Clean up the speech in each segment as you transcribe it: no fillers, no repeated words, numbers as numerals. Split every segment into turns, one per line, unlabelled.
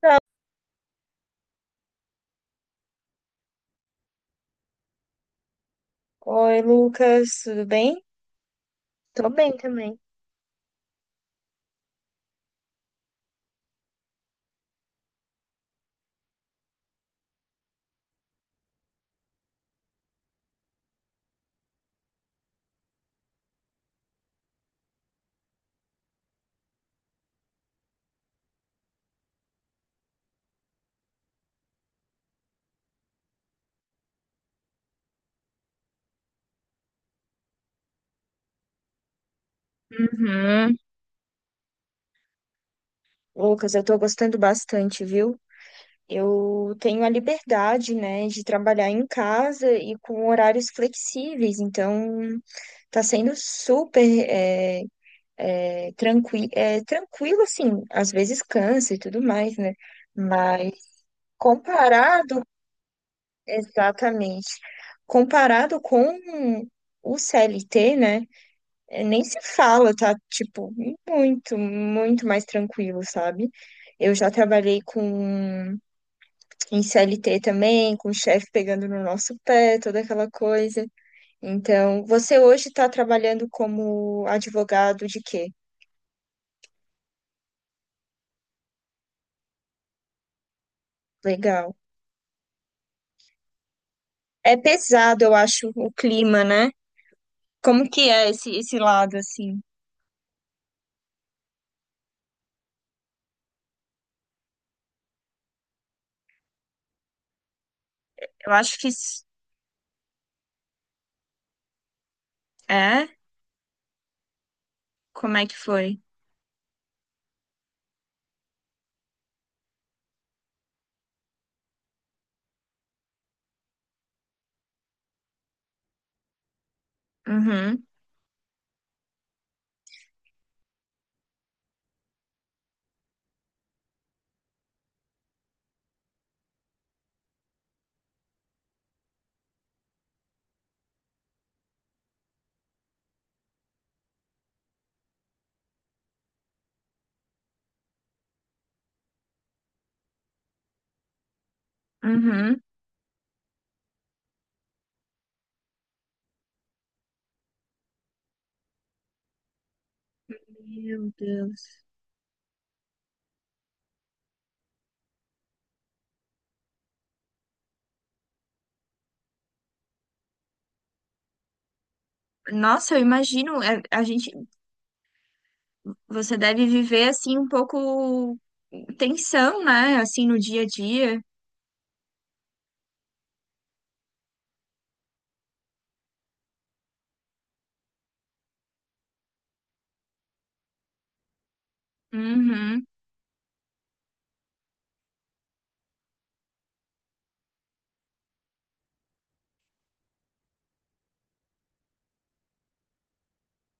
Tá. Oi, Lucas, tudo bem? Tô bem também. Uhum. Lucas, eu tô gostando bastante, viu? Eu tenho a liberdade, né, de trabalhar em casa e com horários flexíveis, então tá sendo super é, tranquilo, assim, às vezes cansa e tudo mais, né? Mas comparado, exatamente, comparado com o CLT, né? É, nem se fala, tá? Tipo, muito, muito mais tranquilo, sabe? Eu já trabalhei com em CLT também, com o chefe pegando no nosso pé, toda aquela coisa. Então, você hoje tá trabalhando como advogado de quê? Legal. É pesado, eu acho, o clima, né? Como que é esse, esse lado, assim? Eu acho que É? Como é que foi? Uhum, uhum. Meu Deus. Nossa, eu imagino, é, a gente Você deve viver assim um pouco tensão, né? Assim no dia a dia. Uhum.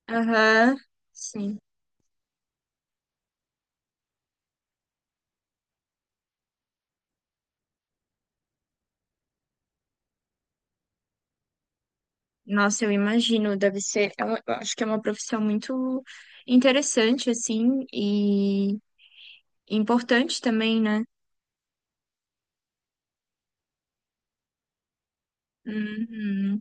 Aham. Sim. Nossa, eu imagino, deve ser, eu acho que é uma profissão muito interessante assim e importante também, né? Uhum.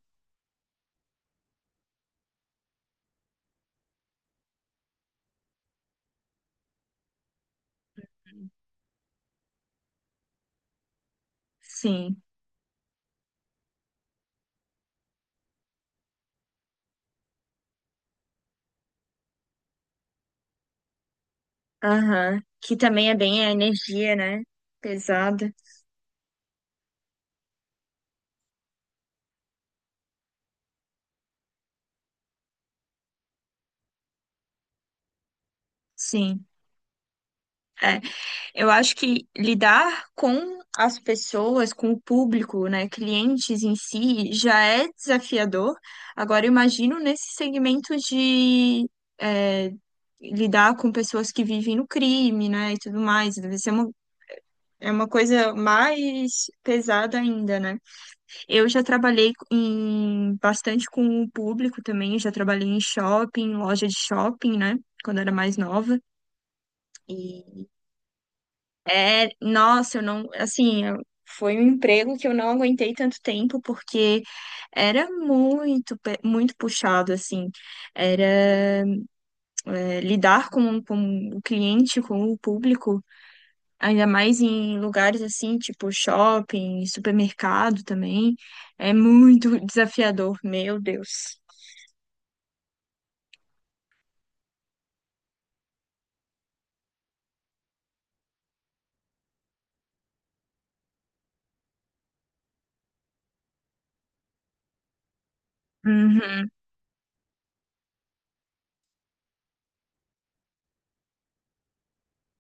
Sim. Aham. Que também é bem a energia, né? Pesada. Sim. É. Eu acho que lidar com as pessoas, com o público, né, clientes em si, já é desafiador. Agora, eu imagino nesse segmento de é, lidar com pessoas que vivem no crime, né, e tudo mais. Deve ser uma, é uma coisa mais pesada ainda, né? Eu já trabalhei em, bastante com o público também, já trabalhei em shopping, loja de shopping, né, quando era mais nova. É, nossa, eu não, assim, foi um emprego que eu não aguentei tanto tempo porque era muito, muito puxado, assim, era lidar com o cliente, com o público, ainda mais em lugares assim, tipo shopping, supermercado também, é muito desafiador, meu Deus. Uhum,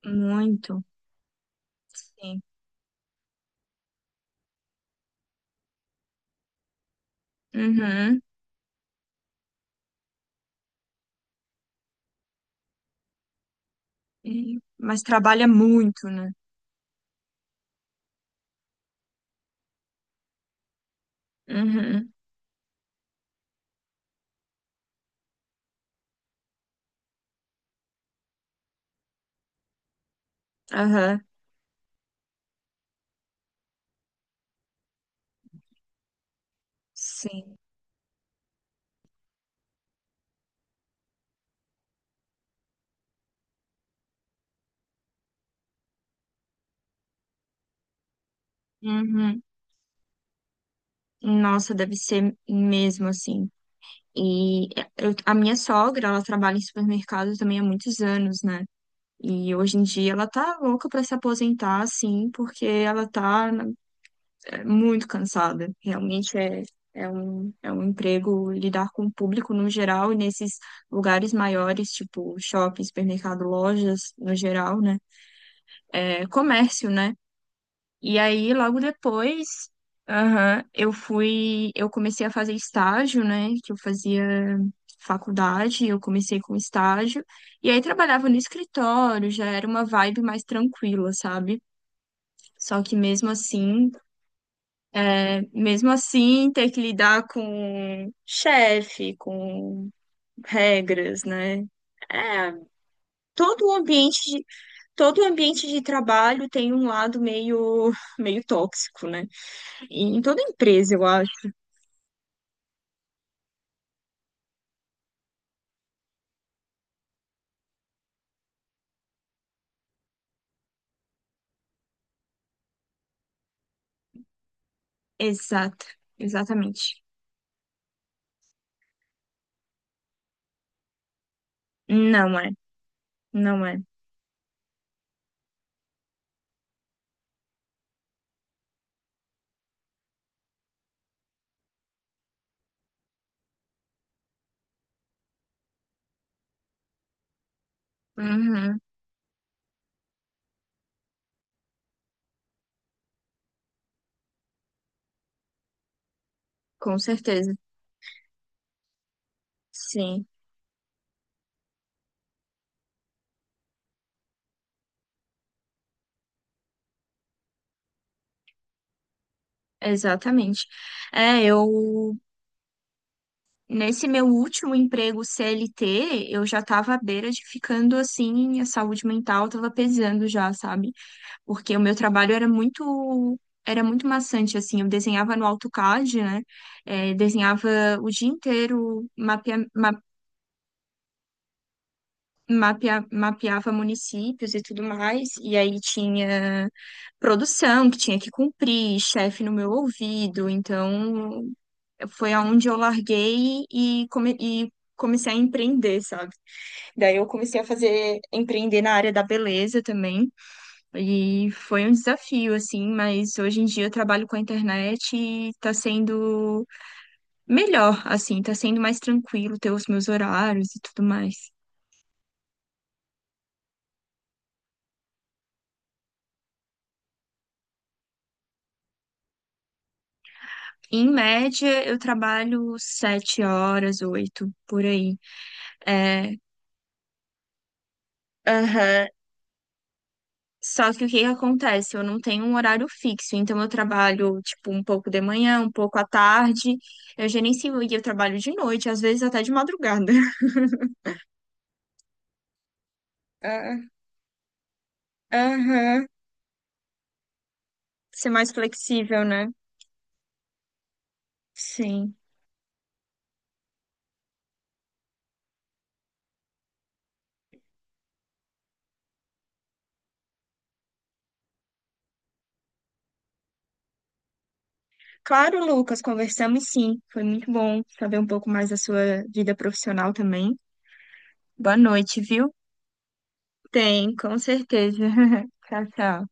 muito, sim. Uhum. Mas trabalha muito, né? Uhum, aham, sim. Uhum. Nossa, deve ser mesmo assim. E a minha sogra, ela trabalha em supermercado também há muitos anos, né? E hoje em dia ela tá louca pra se aposentar, assim, porque ela tá muito cansada. Realmente é, é um emprego lidar com o público no geral e nesses lugares maiores, tipo shopping, supermercado, lojas no geral, né? É comércio, né? E aí, logo depois, aham, eu fui, eu comecei a fazer estágio, né? Que eu fazia faculdade, eu comecei com estágio, e aí trabalhava no escritório, já era uma vibe mais tranquila, sabe? Só que mesmo assim, é, mesmo assim, ter que lidar com chefe, com regras, né? É, todo o ambiente de, todo o ambiente de trabalho tem um lado meio, meio tóxico, né? Em toda empresa, eu acho. Exato, exatamente. Não é, não é. Uhum, com certeza. Sim, exatamente. É, eu nesse meu último emprego CLT, eu já tava à beira de ficando assim, a saúde mental tava pesando já, sabe? Porque o meu trabalho era muito maçante assim, eu desenhava no AutoCAD, né? Desenhava o dia inteiro mapeava municípios e tudo mais, e aí tinha produção que tinha que cumprir, chefe no meu ouvido, então foi aonde eu larguei e comecei a empreender, sabe? Daí eu comecei a fazer, empreender na área da beleza também, e foi um desafio, assim, mas hoje em dia eu trabalho com a internet e tá sendo melhor, assim, tá sendo mais tranquilo ter os meus horários e tudo mais. Em média, eu trabalho 7 horas, 8, por aí. É, aham. Só que o que que acontece? Eu não tenho um horário fixo, então eu trabalho, tipo, um pouco de manhã, um pouco à tarde. Eu gerencio e eu trabalho de noite, às vezes até de madrugada. Ah, aham. Ser mais flexível, né? Sim. Claro, Lucas, conversamos sim. Foi muito bom saber um pouco mais da sua vida profissional também. Boa noite, viu? Tem, com certeza. Tchau, tchau.